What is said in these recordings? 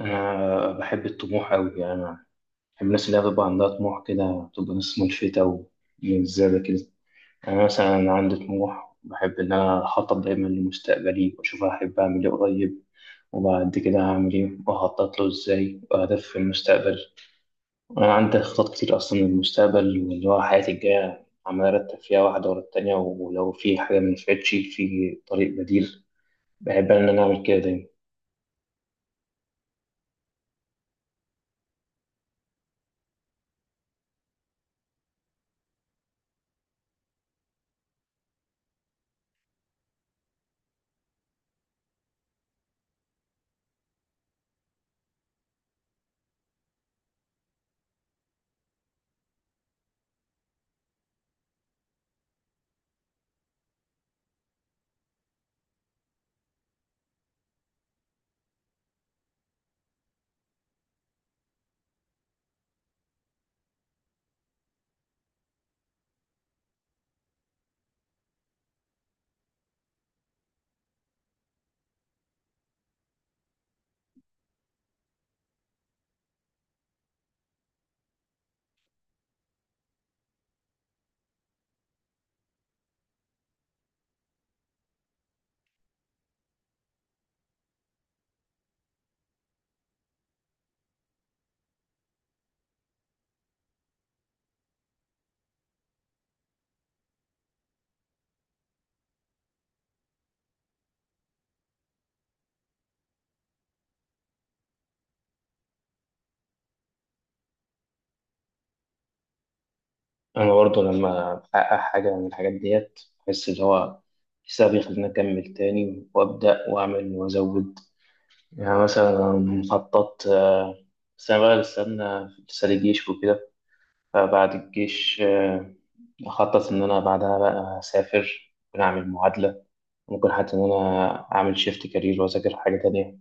أنا بحب الطموح أوي، يعني أنا بحب الناس اللي بيبقى عندها طموح كده بتبقى ناس ملفتة ومجذابة كده. أنا مثلا عندي طموح، بحب إن أنا أخطط دايما لمستقبلي وأشوف أحب أعمل إيه قريب وبعد كده هعمل إيه وأخطط له إزاي، وأهداف في المستقبل. أنا عندي خطط كتير أصلا للمستقبل، واللي هو حياتي الجاية عمال أرتب فيها واحدة ورا التانية، ولو في حاجة منفعتش في طريق بديل. بحب إن أنا أعمل كده دايما. انا برضه لما بحقق حاجه من الحاجات ديت بحس ان هو حسابي يخليني اكمل تاني وابدا واعمل وازود. يعني مثلا مخطط، بس انا بقى استنى لسه لي جيش وكده. فبعد الجيش اخطط ان انا بعدها بقى اسافر، ممكن اعمل معادله، ممكن حتى ان انا اعمل شيفت كارير واذاكر حاجه تانية.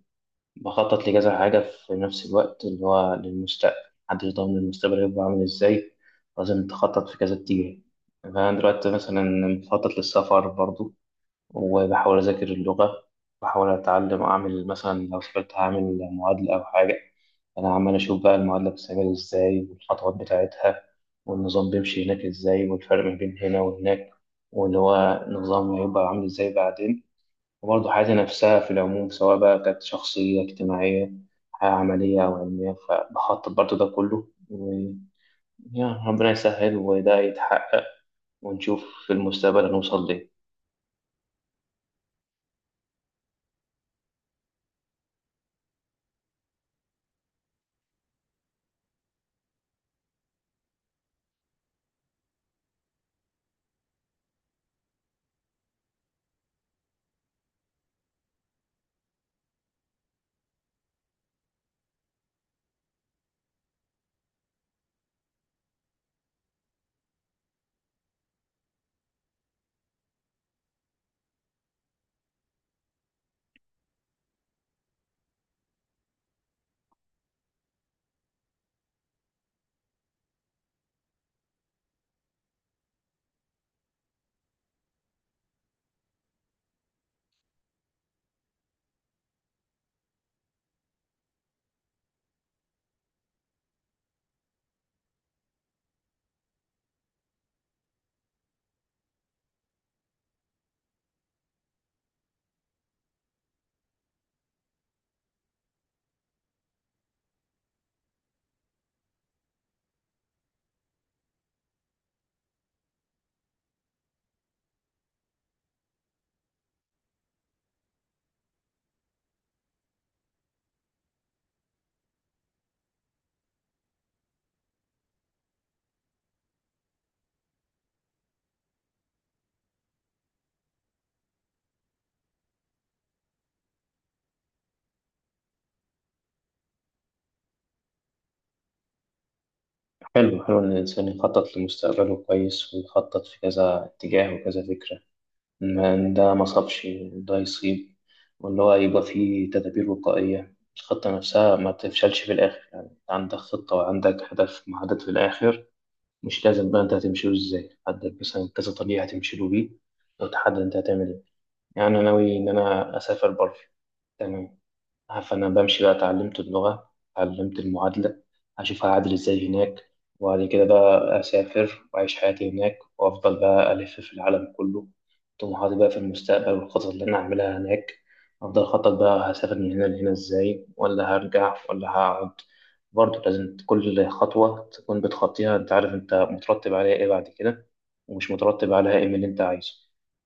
بخطط لكذا حاجة في نفس الوقت اللي هو للمستقبل. محدش ضامن المستقبل هيبقى عامل ازاي، لازم تخطط في كذا اتجاه. فأنا دلوقتي مثلا بخطط للسفر برضو، وبحاول أذاكر اللغة، بحاول أتعلم أعمل مثلا لو سافرت هعمل معادلة أو حاجة. أنا عمال أشوف بقى المعادلة بتتعمل ازاي والخطوات بتاعتها، والنظام بيمشي هناك ازاي والفرق ما بين هنا وهناك، واللي هو النظام هيبقى عامل ازاي بعدين. وبرضه حياتي نفسها في العموم سواء بقى كانت شخصية اجتماعية، حياة عملية أو علمية، فبخطط برضه ده كله، ويا ربنا يسهل وده يتحقق ونشوف في المستقبل هنوصل ليه. حلو حلو إن الإنسان يخطط لمستقبله كويس ويخطط في كذا اتجاه وكذا فكرة، ما إن ده ما صابش وده يصيب، واللي هو يبقى فيه تدابير وقائية الخطة نفسها ما تفشلش في الآخر. يعني عندك خطة وعندك هدف محدد في الآخر، مش لازم بقى انت هتمشي له ازاي، حدد مثلا كذا طريقة هتمشي له بيه، وتحدد انت هتعمل ايه. يعني انا ناوي ان انا اسافر بره، تمام، فأنا بمشي بقى، اتعلمت اللغة، اتعلمت المعادلة، هشوف هعادل ازاي هناك، وبعد كده بقى أسافر وأعيش حياتي هناك وأفضل بقى ألف في العالم كله. طموحاتي بقى في المستقبل والخطط اللي أنا هعملها هناك، أفضل أخطط بقى هسافر من هنا لهنا ازاي، ولا هرجع ولا هقعد. برضه لازم كل خطوة تكون بتخطيها أنت عارف أنت مترتب عليها إيه بعد كده، ومش مترتب عليها إيه من اللي أنت عايزه.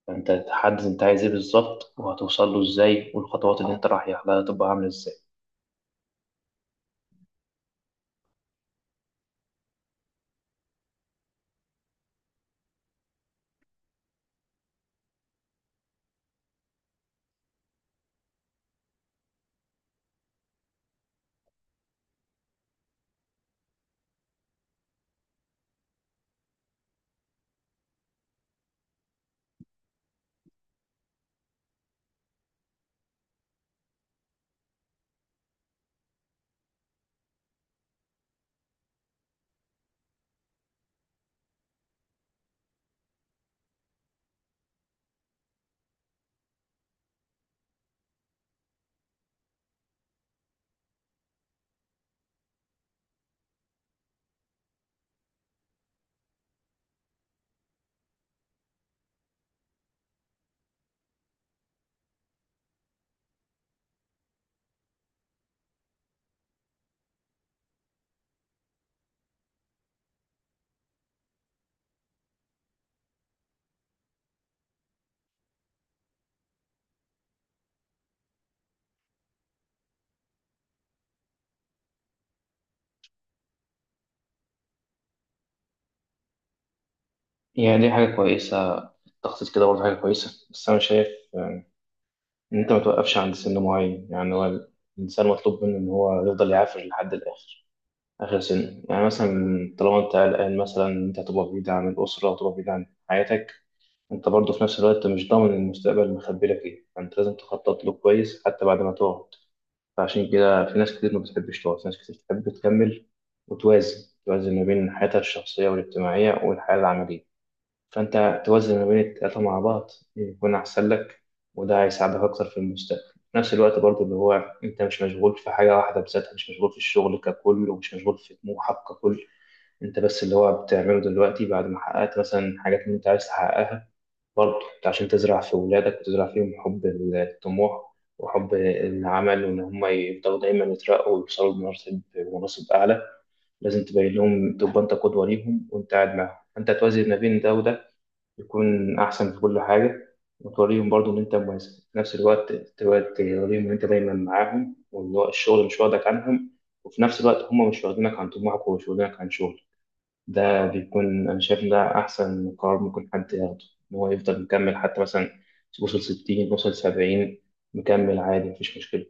فأنت تحدد أنت عايز إيه بالظبط، وهتوصل له إزاي، والخطوات اللي أنت رايح لها تبقى عاملة إزاي. يعني دي حاجة كويسة، التخطيط كده برضه حاجة كويسة، بس أنا شايف إن أنت ما توقفش عند سن معين. يعني هو الإنسان مطلوب منه إن هو يفضل يعافر لحد الآخر، آخر سن يعني مثلا. طالما أنت قلقان مثلا إن أنت هتبقى بعيد عن الأسرة وتبقى بعيد عن حياتك، أنت برضه في نفس الوقت مش ضامن المستقبل مخبي لك إيه، فأنت لازم تخطط له كويس حتى بعد ما تقعد. فعشان كده في ناس كتير ما بتحبش تقف، ناس كتير بتحب تكمل وتوازن، توازن ما بين حياتها الشخصية والاجتماعية والحياة العملية. فأنت توازن ما بين التلاتة مع بعض يكون أحسن لك، وده هيساعدك أكتر في المستقبل. في نفس الوقت برضو اللي هو أنت مش مشغول في حاجة واحدة بذاتها، مش مشغول في الشغل ككل، ومش مشغول في طموحك ككل. أنت بس اللي هو بتعمله دلوقتي بعد ما حققت مثلا حاجات اللي أنت عايز تحققها برضه، عشان تزرع في ولادك وتزرع فيهم حب الطموح وحب العمل، وإن هم يفضلوا دايما يترقوا ويوصلوا لمناصب، مناصب أعلى. لازم تبين لهم، تبقى أنت قدوة ليهم، وأنت قاعد معاهم أنت توازن ما بين ده وده يكون أحسن في كل حاجة. وتوريهم برضه إن أنت مميز، في نفس الوقت تبقى توريهم إن أنت دايما معاهم، وإن هو الشغل مش واخدك عنهم، وفي نفس الوقت هم مش واخدينك عن طموحك ومش واخدينك عن شغلك. ده بيكون أنا شايف إن ده أحسن قرار ممكن حد ياخده، إن هو يفضل مكمل. حتى مثلا وصل ستين، وصل سبعين، مكمل عادي مفيش مشكلة.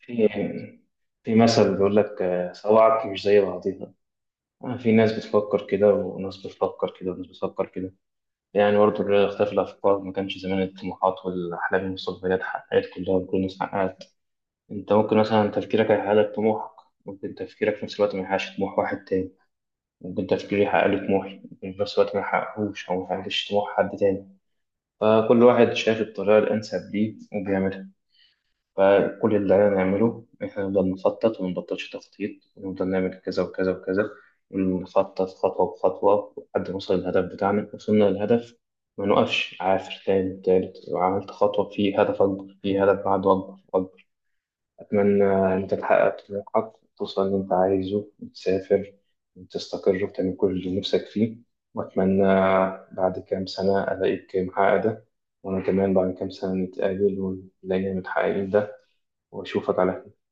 في في مثل بيقول لك صواعق مش زي بعضيها. في ناس بتفكر كده وناس بتفكر كده وناس بتفكر كده. يعني برضه لولا اختلاف الأفكار ما كانش زمان الطموحات والأحلام والمستقبلات اتحققت كلها وكل الناس حققت. أنت ممكن مثلا تفكيرك هيحقق لك طموحك، ممكن تفكيرك في نفس الوقت ما يحققش طموح واحد تاني. ممكن تفكيري يحقق لي طموحي وفي نفس الوقت ما يحققهوش أو ما يحققش طموح حد تاني. فكل واحد شايف الطريقة الأنسب ليه وبيعملها. فكل اللي علينا نعمله إحنا نفضل نخطط ومنبطلش تخطيط، ونفضل نعمل كذا وكذا وكذا، ونخطط خطوة بخطوة لحد ما نوصل للهدف بتاعنا. وصلنا للهدف ما نقفش، عافر تاني تالت وعملت خطوة في هدف أكبر، في هدف بعده أكبر. أتمنى إن أنت تحقق طموحك، توصل اللي أنت عايزه وتسافر وتستقر وتعمل كل اللي نفسك فيه. وأتمنى بعد كام سنة ألاقيك محقق ده، وأنا كمان بعد كام سنة نتقابل ونلاقي متحققين ده، وأشوفك على خير.